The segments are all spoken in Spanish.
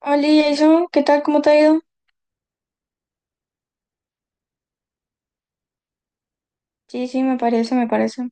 Hola Jason, ¿qué tal? ¿Cómo te ha ido? Sí, sí, me parece, me parece.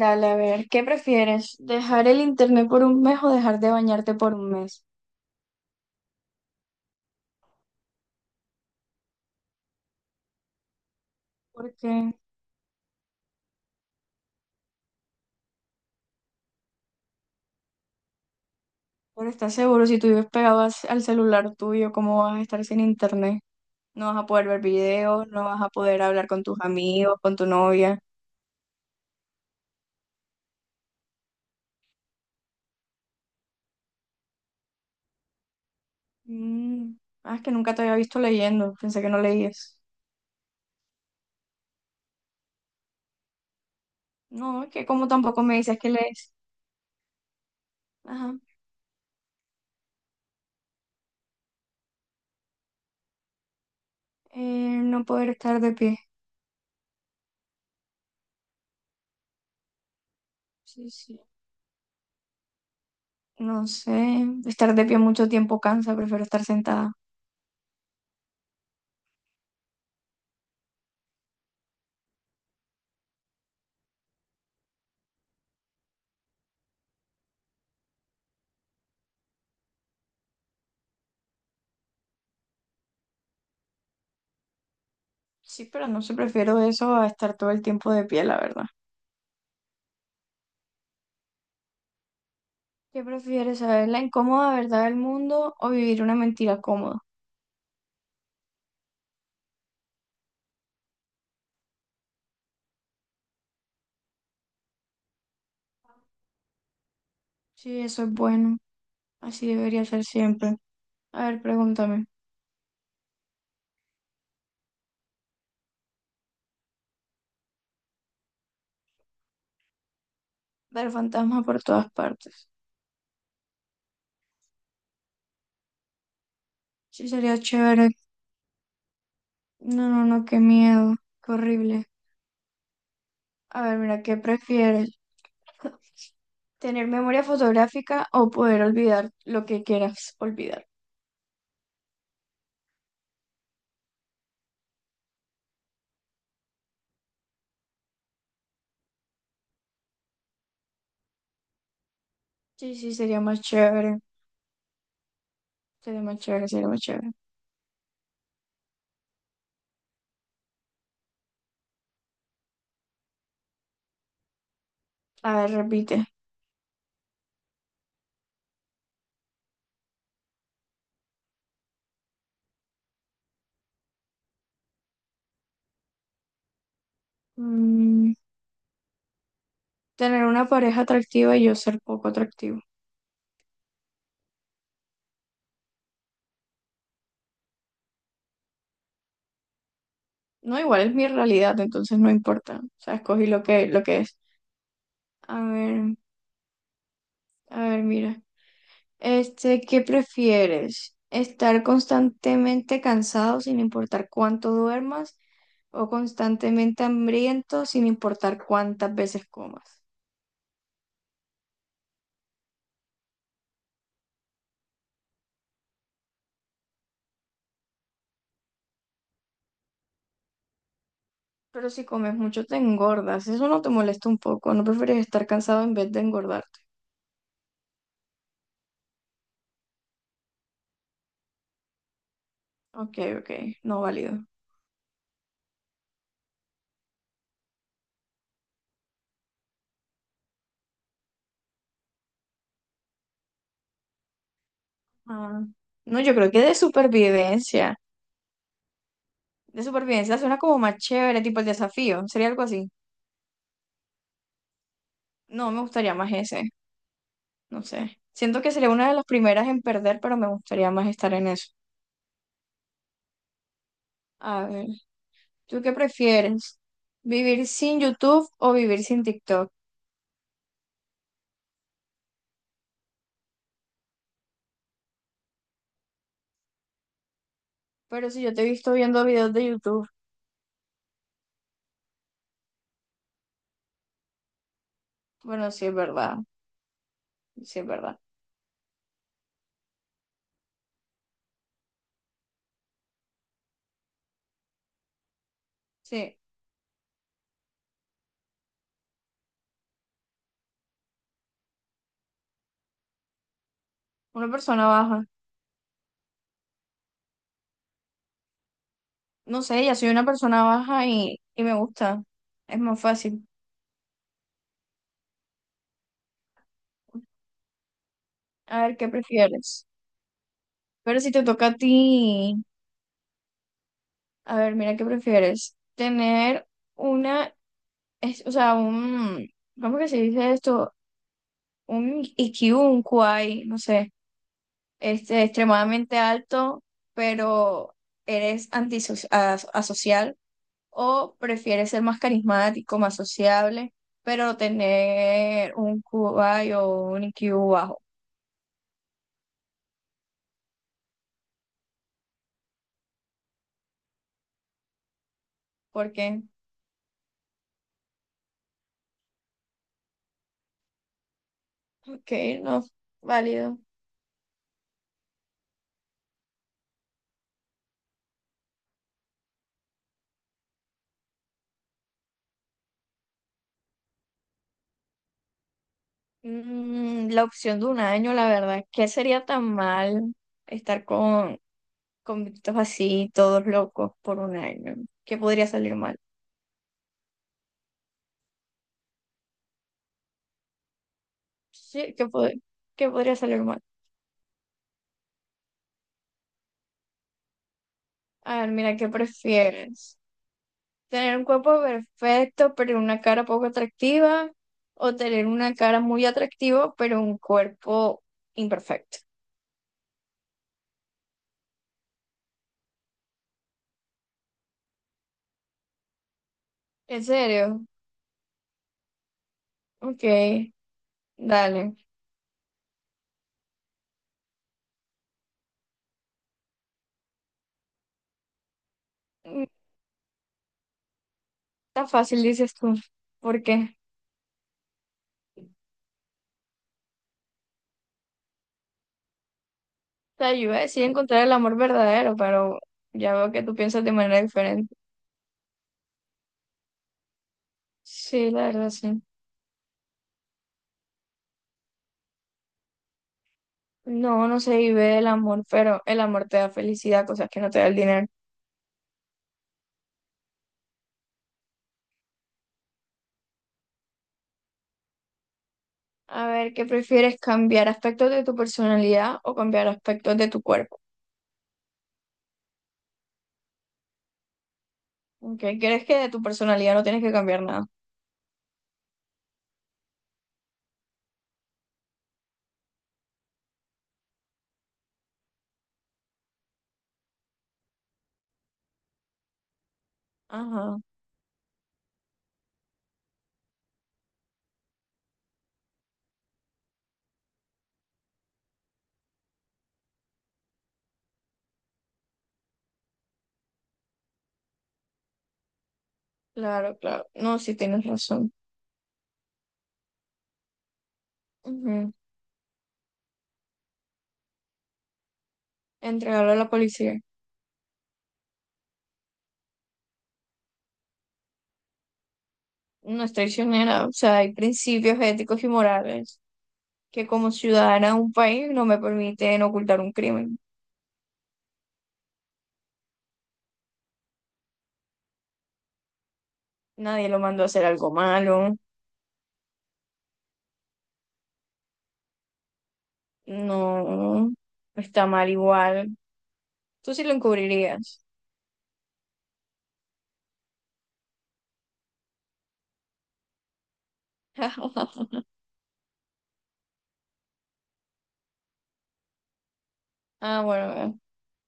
Dale, a ver, ¿qué prefieres? ¿Dejar el internet por un mes o dejar de bañarte por un mes? ¿Por qué? Pero estás seguro, si tú vives pegado al celular tuyo, ¿cómo vas a estar sin internet? No vas a poder ver videos, no vas a poder hablar con tus amigos, con tu novia. Mm, ah, es que nunca te había visto leyendo, pensé que no leías. No, es que como tampoco me dices que lees. Ajá, eh, no poder estar de pie. Sí, sí. No sé, estar de pie mucho tiempo cansa, prefiero estar sentada. Sí, pero no sé, prefiero eso a estar todo el tiempo de pie, la verdad. ¿Qué prefieres, saber la incómoda verdad del mundo o vivir una mentira cómoda? Sí, eso es bueno, así debería ser siempre. A ver, pregúntame. Ver fantasmas por todas partes. Sí, sería chévere. No, no, no, qué miedo, qué horrible. A ver, mira, ¿qué prefieres? ¿Tener memoria fotográfica o poder olvidar lo que quieras olvidar? Sí, sí, sería más chévere. Sería más chévere, sería más chévere. A ver, repite. Mm, Tener una pareja atractiva y yo ser poco atractivo. No, igual es mi realidad, entonces no importa. O sea, escogí lo que es. A ver, a ver, mira. Este, ¿qué prefieres? ¿Estar constantemente cansado sin importar cuánto duermas o constantemente hambriento sin importar cuántas veces comas? Pero si comes mucho te engordas. Eso no te molesta un poco. ¿No prefieres estar cansado en vez de engordar? Ok, ok, no válido. Ah, no, yo creo que de supervivencia. De supervivencia suena como más chévere, tipo el desafío. Sería algo así. No, me gustaría más ese. No sé. Siento que sería una de las primeras en perder, pero me gustaría más estar en eso. A ver, ¿tú qué prefieres? ¿Vivir sin YouTube o vivir sin TikTok? Pero si yo te he visto viendo videos de YouTube, bueno, sí es verdad. Sí es verdad. Sí, una persona baja. No sé, ya soy una persona baja y me gusta. Es más fácil. A ver, ¿qué prefieres? Pero si te toca a ti, a ver, mira, ¿qué prefieres? Tener una, o sea, un, ¿cómo que se dice esto? Un IQ, un QI, no sé, este, extremadamente alto, pero eres antisocial, o prefieres ser más carismático, más sociable, pero tener un QI o un IQ bajo. ¿Por qué? Ok, no, válido. La opción de un año, la verdad, ¿qué sería tan mal estar con convictos así, todos locos por un año? ¿Qué podría salir mal? Sí, ¿qué, qué podría salir mal? A ver, mira, ¿qué prefieres? ¿Tener un cuerpo perfecto pero una cara poco atractiva? ¿O tener una cara muy atractiva pero un cuerpo imperfecto? ¿En serio? Ok, dale. Mm, Está fácil, dices tú. ¿Por qué? Sea, yo iba a decir encontrar el amor verdadero, pero ya veo que tú piensas de manera diferente. Sí, la verdad, sí. No, no se vive el amor, pero el amor te da felicidad, cosas que no te da el dinero. A ver, ¿qué prefieres, cambiar aspectos de tu personalidad o cambiar aspectos de tu cuerpo? Ok, ¿crees que de tu personalidad no tienes que cambiar nada? Ajá, claro, claro. No, sí tienes razón. Ujú. Entregarlo a la policía. No es traicionera, o sea, hay principios éticos y morales, que como ciudadana de un país no me permiten ocultar un crimen. Nadie lo mandó a hacer algo malo, no está mal igual. Tú sí lo encubrirías. Ah, bueno,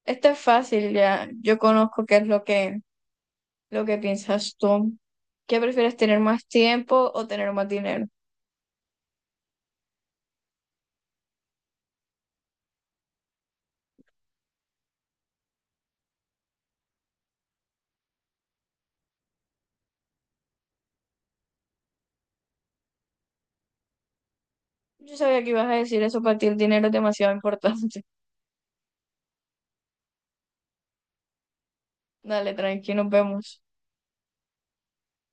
esta es fácil ya. Yo conozco qué es lo que piensas tú. ¿Qué prefieres, tener más tiempo o tener más dinero? Yo sabía que ibas a decir eso, para ti el dinero es demasiado importante. Dale, tranqui, nos vemos.